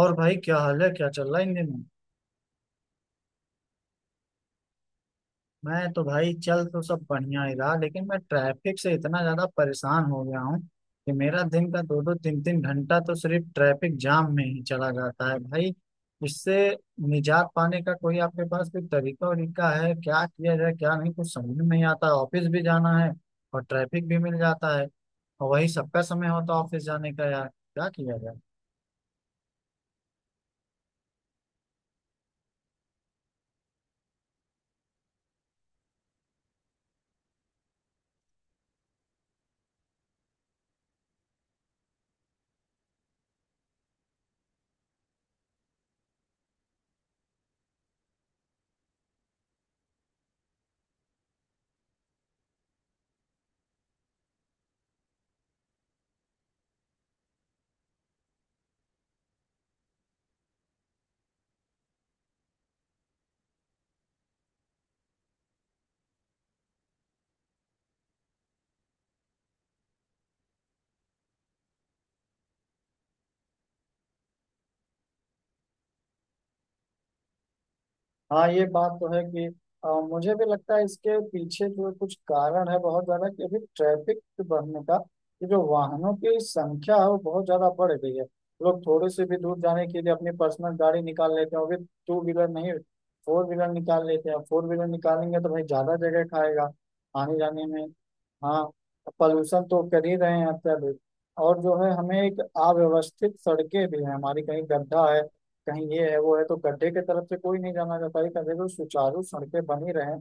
और भाई, क्या हाल है, क्या चल रहा है इन दिनों? मैं तो भाई चल तो सब बढ़िया ही रहा, लेकिन मैं ट्रैफिक से इतना ज्यादा परेशान हो गया हूँ कि मेरा दिन का दो दो तीन तीन घंटा तो सिर्फ ट्रैफिक जाम में ही चला जाता है भाई। इससे निजात पाने का कोई आपके पास कोई तरीका वरीका है? क्या किया जाए क्या नहीं, कुछ समझ में नहीं आता। ऑफिस भी जाना है और ट्रैफिक भी मिल जाता है, और वही सबका समय होता है ऑफिस जाने का। यार, क्या किया जाए। हाँ, ये बात तो है कि मुझे भी लगता है इसके पीछे जो कुछ कारण है बहुत ज्यादा, कि अभी ट्रैफिक बढ़ने का कि जो वाहनों की संख्या है वो बहुत ज्यादा बढ़ गई है। लोग थोड़ी सी भी दूर जाने के लिए अपनी पर्सनल गाड़ी निकाल लेते हैं, वो भी टू व्हीलर नहीं, फोर व्हीलर निकाल लेते हैं। फोर व्हीलर निकालेंगे तो भाई ज्यादा जगह खाएगा आने जाने में। हाँ, पॉल्यूशन तो कर ही रहे हैं अत्यधिक। और जो है, हमें एक अव्यवस्थित सड़कें भी हैं हमारी, कहीं गड्ढा है, कहीं ये है वो है, तो गड्ढे की तरफ से कोई नहीं जाना चाहता है। कहते हैं कि अगर जो सुचारू सड़कें बनी रहें,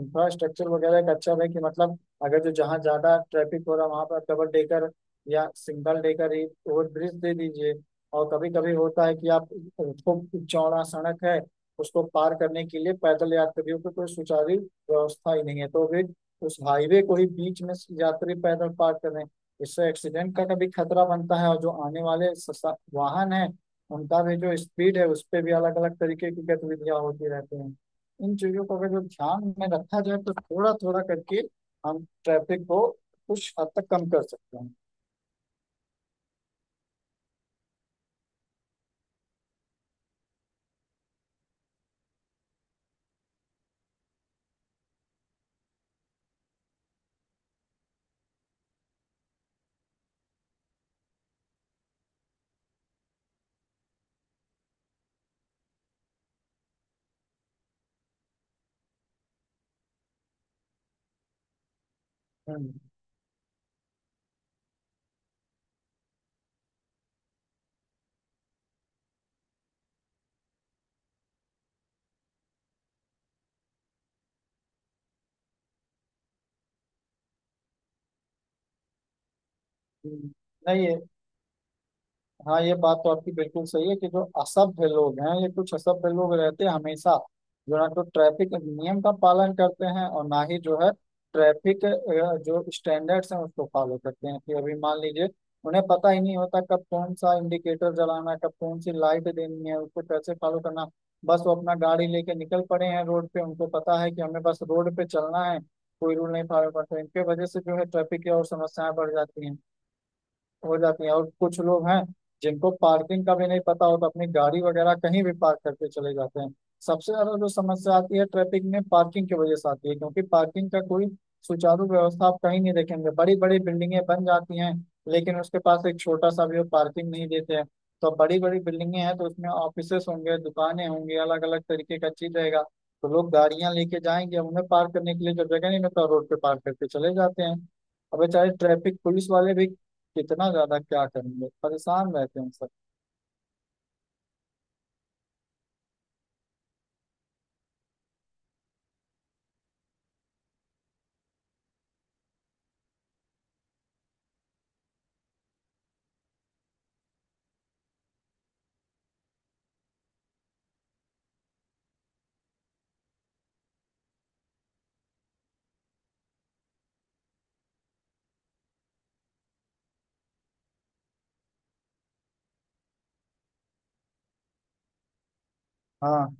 इंफ्रास्ट्रक्चर वगैरह एक अच्छा रहे, कि मतलब अगर जो जहाँ ज्यादा ट्रैफिक हो रहा वहां पर डबल डेकर या सिंगल डेकर ही ओवर ब्रिज दे दीजिए। और कभी कभी होता है कि आप, खूब चौड़ा सड़क है, उसको पार करने के लिए पैदल यात्रियों की कोई सुचारू व्यवस्था ही नहीं है, तो भी उस हाईवे को ही बीच में यात्री पैदल पार कर रहे हैं। इससे एक्सीडेंट का कभी खतरा बनता है, और जो आने वाले वाहन है उनका भी जो स्पीड है उस पे भी अलग अलग तरीके की गतिविधियां होती रहती हैं। इन चीजों को अगर जब ध्यान में रखा जाए तो थोड़ा थोड़ा करके हम ट्रैफिक को कुछ हद तक कम कर सकते हैं। हम्म। हम्म। नहीं है। हाँ, ये बात तो आपकी बिल्कुल सही है कि जो असभ्य लोग हैं, ये कुछ असभ्य लोग रहते हैं हमेशा, जो ना तो ट्रैफिक नियम का पालन करते हैं और ना ही जो है ट्रैफिक जो स्टैंडर्ड्स हैं उसको फॉलो करते हैं। कि अभी मान लीजिए, उन्हें पता ही नहीं होता कब कौन सा इंडिकेटर जलाना है, कब कौन सी लाइट देनी है, उसको कैसे फॉलो करना। बस वो अपना गाड़ी लेके निकल पड़े हैं रोड पे, उनको पता है कि हमें बस रोड पे चलना है, कोई रूल नहीं फॉलो करते। इनके वजह से जो है ट्रैफिक की और समस्याएं बढ़ जाती हैं, हो जाती है। और कुछ लोग हैं जिनको पार्किंग का भी नहीं पता होता, अपनी गाड़ी वगैरह कहीं भी पार्क करके चले जाते हैं। सबसे ज्यादा जो समस्या आती है ट्रैफिक में पार्किंग की वजह से आती है, क्योंकि पार्किंग का कोई सुचारू व्यवस्था आप कहीं नहीं देखेंगे। बड़ी बड़ी बिल्डिंगें बन जाती हैं, लेकिन उसके पास एक छोटा सा भी वो पार्किंग नहीं देते हैं। तो बड़ी बड़ी बिल्डिंगें हैं तो उसमें ऑफिसेस होंगे, दुकानें होंगी, अलग अलग तरीके का चीज रहेगा, तो लोग गाड़ियां लेके जाएंगे। अब उन्हें पार्क करने के लिए जब जगह नहीं मिलता, रोड पे पार्क करके चले जाते हैं। अब बेचारे ट्रैफिक पुलिस वाले भी कितना ज्यादा क्या करेंगे, परेशान रहते हैं सब। हाँ।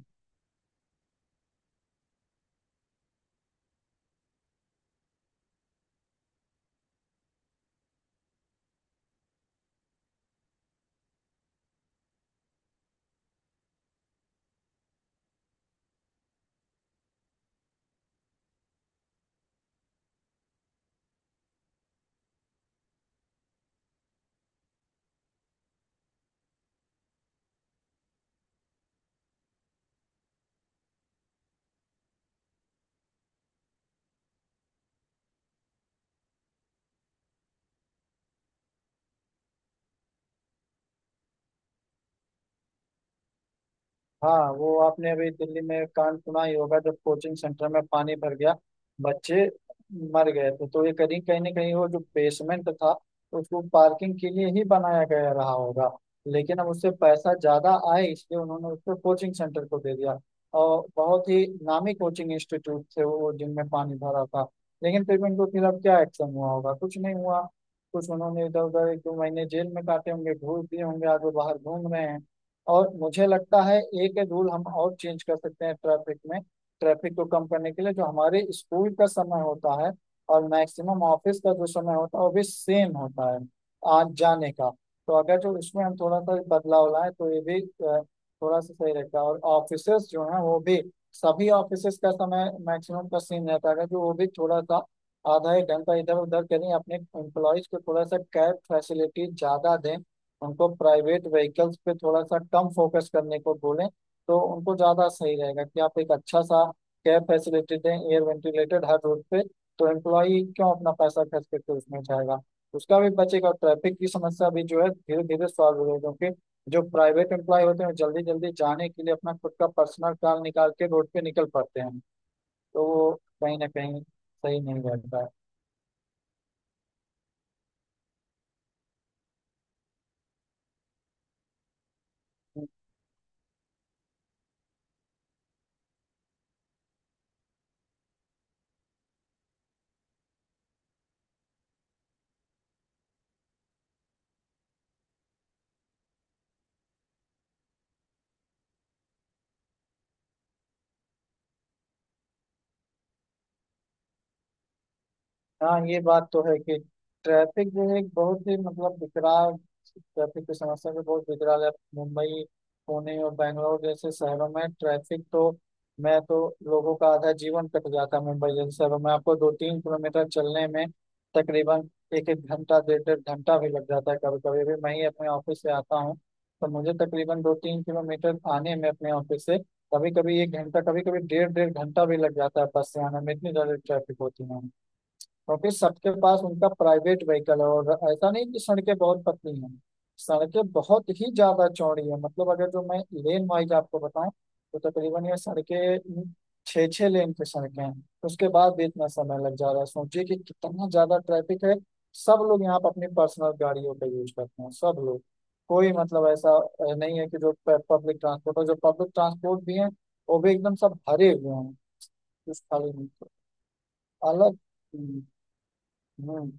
हाँ, वो आपने अभी दिल्ली में कांड सुना ही होगा जब कोचिंग सेंटर में पानी भर गया, बच्चे मर गए थे। तो ये कहीं कहीं ना कहीं वो जो बेसमेंट था उसको पार्किंग के लिए ही बनाया गया रहा होगा, लेकिन अब उससे पैसा ज्यादा आए इसलिए उन्होंने उसको कोचिंग सेंटर को दे दिया। और बहुत ही नामी कोचिंग इंस्टीट्यूट थे वो जिनमें पानी भरा था, लेकिन फिर भी उनके खिलाफ क्या एक्शन हुआ होगा, कुछ नहीं हुआ। कुछ उन्होंने इधर उधर एक दो महीने जेल में काटे होंगे, घूस दिए होंगे, आज वो बाहर घूम रहे हैं। और मुझे लगता है एक रूल हम और चेंज कर सकते हैं ट्रैफिक में, ट्रैफिक को कम करने के लिए। जो हमारे स्कूल का समय होता है और मैक्सिमम ऑफिस का जो समय होता है वो भी सेम होता है आज जाने का। तो अगर जो इसमें हम थोड़ा सा बदलाव लाएं तो ये भी थोड़ा सा सही रहेगा। और ऑफिसेस जो है वो भी, सभी ऑफिसेस का समय मैक्सिमम का सेम रहता है, अगर जो वो भी थोड़ा सा आधा एक घंटा इधर उधर करें, अपने एम्प्लॉयज को थोड़ा सा कैब फैसिलिटी ज्यादा दें, उनको प्राइवेट व्हीकल्स पे थोड़ा सा कम फोकस करने को बोलें, तो उनको ज़्यादा सही रहेगा। कि आप एक अच्छा सा कैब फैसिलिटी दें, एयर वेंटिलेटेड, हर रोड पे, तो एम्प्लॉई क्यों अपना पैसा खर्च करके उसमें जाएगा? उसका भी बचेगा और ट्रैफिक की समस्या भी जो है धीरे धीरे सॉल्व हो जाएगी। क्योंकि जो प्राइवेट एम्प्लॉय होते हैं, जल्दी जल्दी जाने के लिए अपना खुद का पर्सनल कार निकाल के रोड पे निकल पड़ते हैं, तो वो कहीं ना कहीं सही नहीं रहता है। हाँ, ये बात तो है कि ट्रैफिक जो है एक बहुत ही मतलब विकराल, ट्रैफिक की समस्या भी बहुत विकराल है। मुंबई, पुणे और बेंगलोर जैसे शहरों में ट्रैफिक तो, मैं तो, लोगों का आधा जीवन कट जाता है मुंबई जैसे शहरों में। आपको दो तीन किलोमीटर चलने में तकरीबन एक एक घंटा, डेढ़ डेढ़ घंटा भी लग जाता है कभी कभी। अभी मैं ही अपने ऑफिस से आता हूँ, तो मुझे तकरीबन दो तीन किलोमीटर आने में अपने ऑफिस से कभी कभी एक घंटा, कभी कभी डेढ़ डेढ़ घंटा भी लग जाता है बस से आने में, इतनी ज्यादा ट्रैफिक होती है। क्योंकि सबके पास उनका प्राइवेट व्हीकल है। और ऐसा नहीं कि सड़कें बहुत पतली हैं, सड़कें बहुत ही ज्यादा चौड़ी हैं। मतलब अगर जो मैं लेन वाइज आपको बताऊं, तो तकरीबन ये सड़कें छः छः लेन की सड़कें हैं। उसके बाद भी इतना समय लग जा रहा है, सोचिए कि कितना ज्यादा ट्रैफिक है। सब लोग यहाँ पर अपनी पर्सनल गाड़ियों का यूज करते हैं, सब लोग। कोई मतलब ऐसा नहीं है कि जो पब्लिक ट्रांसपोर्ट हो, जो पब्लिक ट्रांसपोर्ट भी है वो भी एकदम सब भरे हुए हैं, कुछ खाली नहीं। अलग। हम्म। हम्म।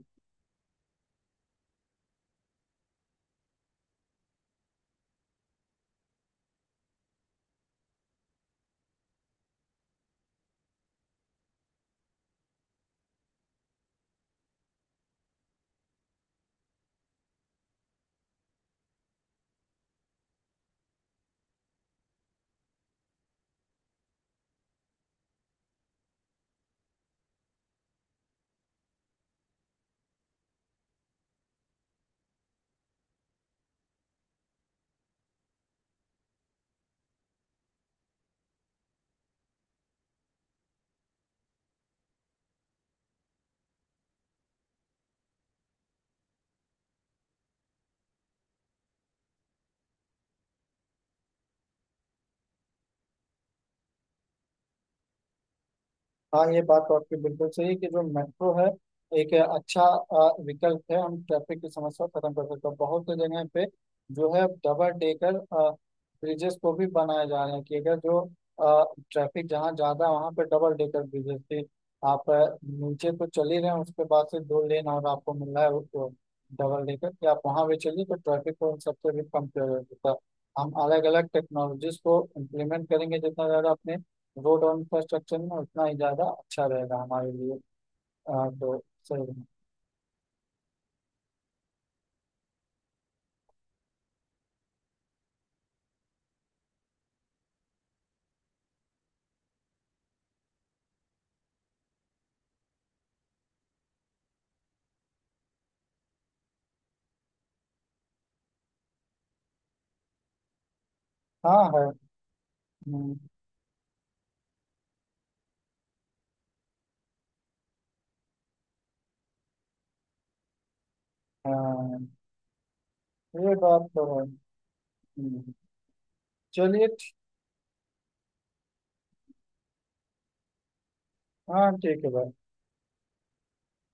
हाँ, ये बात तो आपकी बिल्कुल सही है कि जो मेट्रो है एक अच्छा विकल्प है। हम ट्रैफिक की समस्या को खत्म कर सकते हैं। बहुत से जगह पे जो है डबल डेकर ब्रिजेस को भी बनाए जा रहे हैं, कि अगर जो ट्रैफिक जहाँ ज्यादा है वहाँ पे डबल डेकर ब्रिजेस थी। आप नीचे तो चल ही रहे हैं, उसके बाद से दो लेन और आपको मिल रहा है वो डबल डेकर, कि आप वहाँ भी चलिए, तो ट्रैफिक को उन सबसे भी कम किया जा सकता है। हम अलग अलग टेक्नोलॉजीज को इम्प्लीमेंट करेंगे जितना ज़्यादा अपने रोड और इंफ्रास्ट्रक्चर में, उतना ही ज्यादा अच्छा रहेगा हमारे लिए। अ, तो सही है। हाँ, है। हम्म। हाँ, ये बात तो है। हम्म। चलिए हाँ, ठीक है भाई।